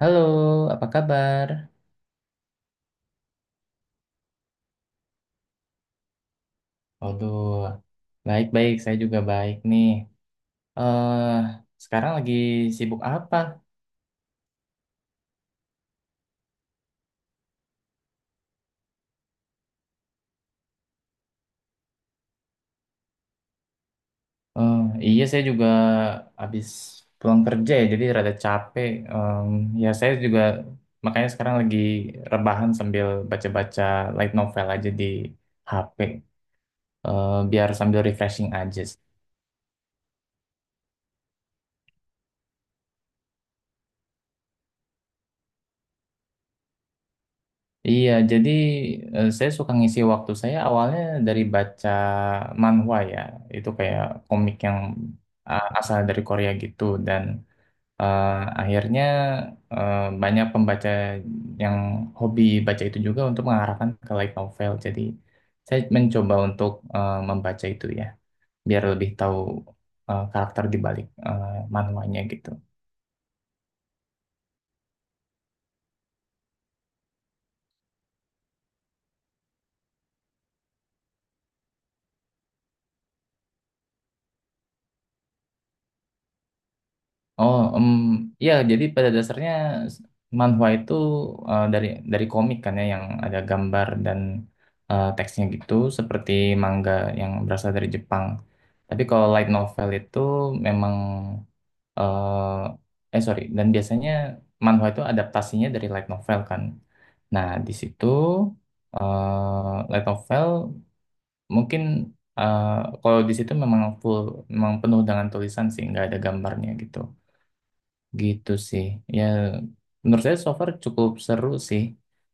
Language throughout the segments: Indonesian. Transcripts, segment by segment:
Halo, apa kabar? Waduh, baik-baik. Saya juga baik nih. Eh, Sekarang lagi sibuk apa? Eh, iya, saya juga habis pulang kerja ya, jadi rada capek. Ya, saya juga makanya sekarang lagi rebahan sambil baca-baca light novel aja di HP. Biar sambil refreshing aja. Iya, jadi saya suka ngisi waktu saya awalnya dari baca manhwa ya, itu kayak komik yang asal dari Korea gitu dan eh, akhirnya eh, banyak pembaca yang hobi baca itu juga untuk mengarahkan ke light novel. Jadi saya mencoba untuk membaca itu ya, biar lebih tahu karakter di balik manhwanya gitu. Oh, ya. Jadi pada dasarnya s- manhwa itu eh, dari dari komik kan ya, yang ada gambar dan teksnya gitu, seperti manga yang berasal dari Jepang. Tapi kalau light novel itu memang sorry, dan biasanya manhwa itu adaptasinya dari light novel kan. Nah, di situ light novel mungkin eh, kalau di situ memang full, memang penuh dengan tulisan sih, nggak ada gambarnya gitu. Gitu sih. Ya, menurut saya so far cukup seru sih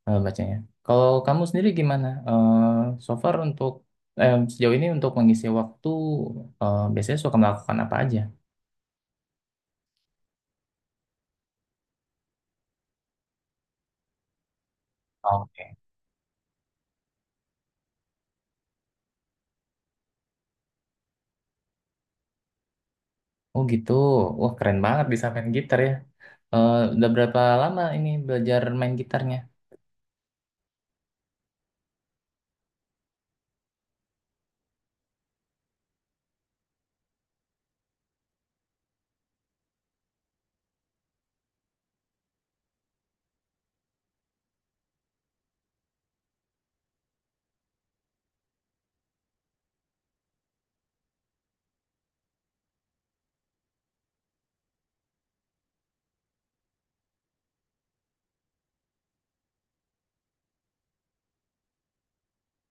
bacanya. Kalau kamu sendiri gimana? So far untuk sejauh ini untuk mengisi waktu biasanya suka melakukan apa aja? Oke. Oh gitu. Wah keren banget bisa main gitar ya. Eh udah berapa lama ini belajar main gitarnya?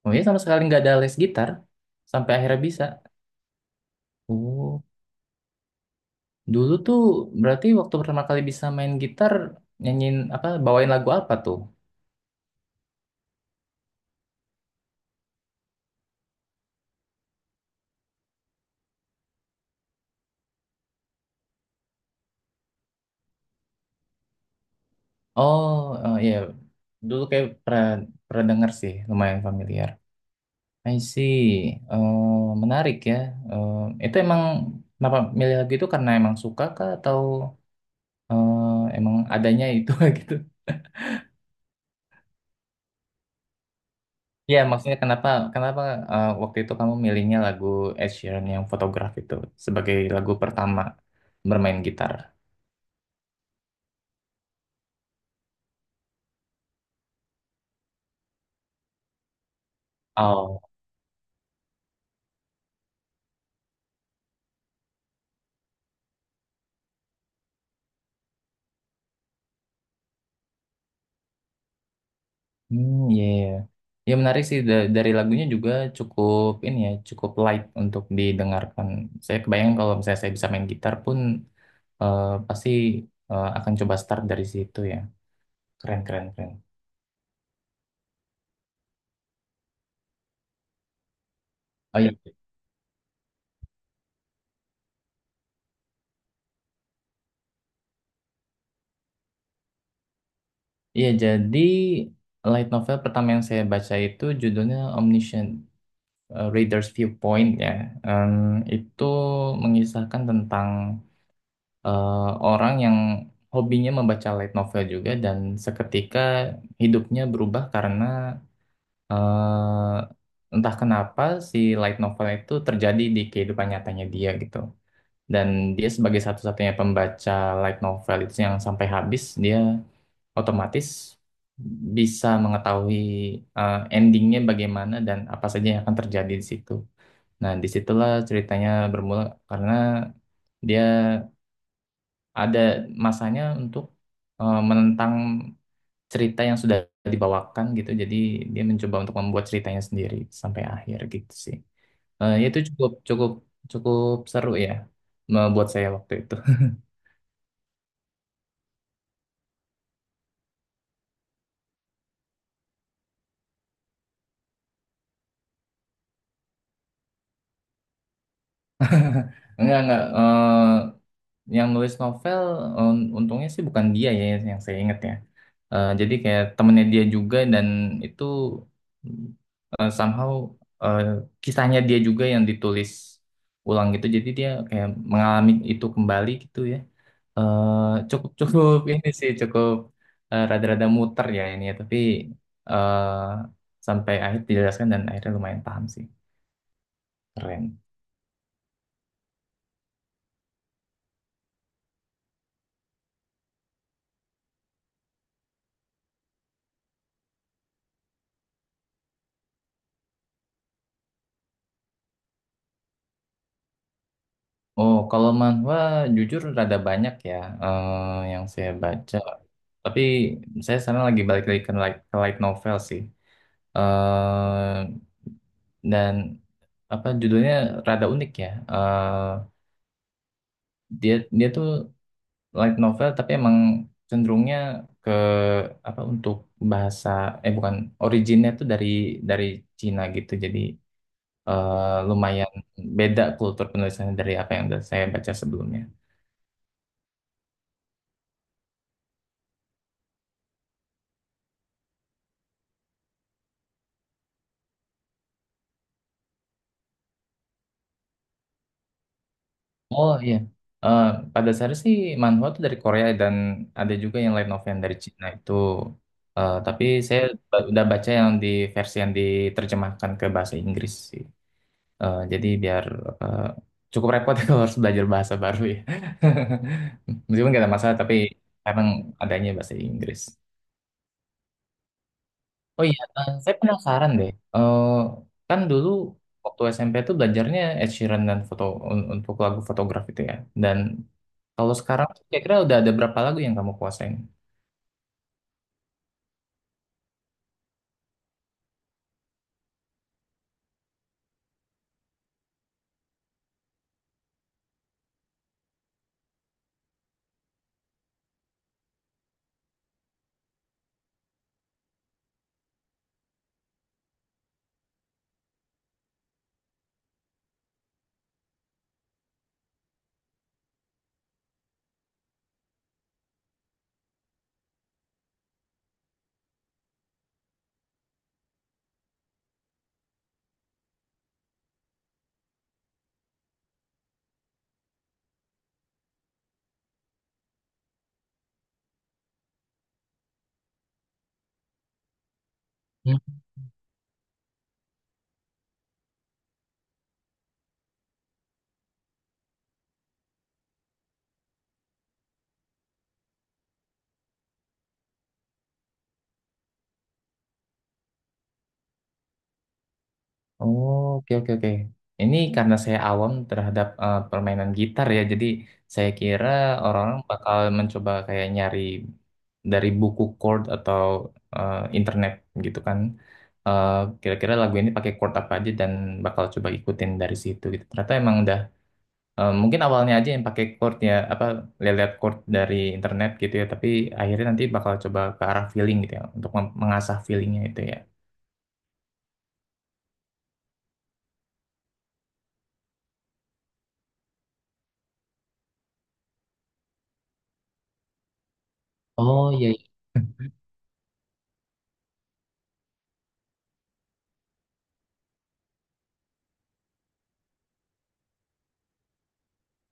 Oh ya sama sekali nggak ada les gitar sampai akhirnya bisa. Oh, dulu tuh berarti waktu pertama kali bisa main gitar nyanyiin apa bawain lagu apa tuh? Oh, iya. Dulu kayak pernah dengar sih, lumayan familiar. I see. Eh, Menarik ya. Eh, itu emang kenapa milih lagu itu karena emang suka kah atau emang adanya itu gitu? Ya, maksudnya kenapa kenapa waktu itu kamu milihnya lagu Ed Sheeran yang Photograph itu sebagai lagu pertama bermain gitar? Hmm, ya, iya. Ya menarik sih dari lagunya juga cukup ini ya, cukup light untuk didengarkan. Saya kebayang kalau misalnya saya bisa main gitar pun pasti akan coba start dari situ ya. Keren, keren, keren. Oh iya. Iya, jadi light novel pertama yang saya baca itu judulnya Omniscient Reader's Viewpoint ya. Em, itu mengisahkan tentang eh, orang yang hobinya membaca light novel juga dan seketika hidupnya berubah karena entah kenapa si light novel itu terjadi di kehidupan nyatanya dia gitu. Dan dia sebagai satu-satunya pembaca light novel itu yang sampai habis, dia otomatis bisa mengetahui endingnya bagaimana dan apa saja yang akan terjadi di situ. Nah, disitulah ceritanya bermula karena dia ada masanya untuk menentang cerita yang sudah dibawakan gitu. Jadi dia mencoba untuk membuat ceritanya sendiri sampai akhir gitu sih. Ya itu cukup cukup cukup seru ya membuat saya waktu itu. Enggak. Yang nulis novel untungnya sih bukan dia ya yang saya ingat ya. Jadi kayak temennya dia juga dan itu somehow eh, kisahnya dia juga yang ditulis ulang gitu. Jadi dia kayak mengalami itu kembali gitu ya. Eh cukup cukup ini sih cukup rada-rada muter ya ini ya. Tapi eh sampai akhir dijelaskan dan akhirnya lumayan paham sih. Keren. Oh, kalau manhwa jujur rada banyak ya eh, yang saya baca. Tapi saya sekarang lagi balik lagi ke light novel sih. eh dan apa judulnya rada unik ya. Dia dia tuh light novel tapi emang cenderungnya ke apa untuk bahasa bukan originnya tuh dari Cina gitu. Jadi eh, lumayan beda kultur penulisannya dari apa yang udah saya baca sebelumnya. Oh iya. Eh, Pada dasarnya sih manhwa itu dari Korea dan ada juga yang light novel yang dari Cina itu. Tapi saya udah baca yang di versi yang diterjemahkan ke bahasa Inggris sih. Jadi biar eh, cukup repot ya kalau harus belajar bahasa baru ya. Meskipun gak ada masalah, tapi kadang adanya bahasa Inggris. Oh iya, saya penasaran deh. Eh, Kan dulu waktu SMP itu belajarnya Ed Sheeran dan foto untuk lagu fotograf itu ya. Dan kalau sekarang tuh kira-kira udah ada berapa lagu yang kamu kuasain? Oh, oke oke oke. Ini karena saya awam terhadap permainan gitar ya, jadi saya kira orang-orang bakal mencoba kayak nyari dari buku chord atau internet gitu kan. Eh, Kira-kira lagu ini pakai chord apa aja dan bakal coba ikutin dari situ gitu. Ternyata emang udah mungkin awalnya aja yang pakai chord ya apa lihat chord dari internet gitu ya, tapi akhirnya nanti bakal coba ke arah feeling gitu ya untuk mengasah feelingnya itu ya. Oh iya.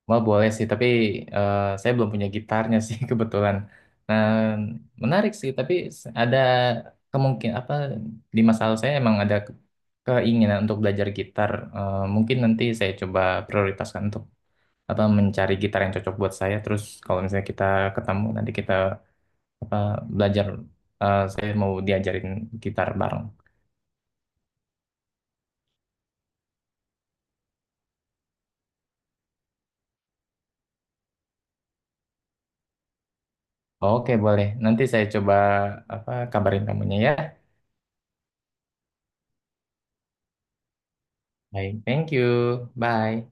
Wah boleh sih, tapi saya belum punya gitarnya sih kebetulan. Nah, menarik sih, tapi ada kemungkinan apa di masa lalu saya emang ada keinginan untuk belajar gitar. Mungkin nanti saya coba prioritaskan untuk apa mencari gitar yang cocok buat saya. Terus kalau misalnya kita ketemu nanti kita apa belajar, saya mau diajarin gitar bareng. Oke boleh, nanti saya coba apa kabarin kamunya ya. Baik, thank you, bye.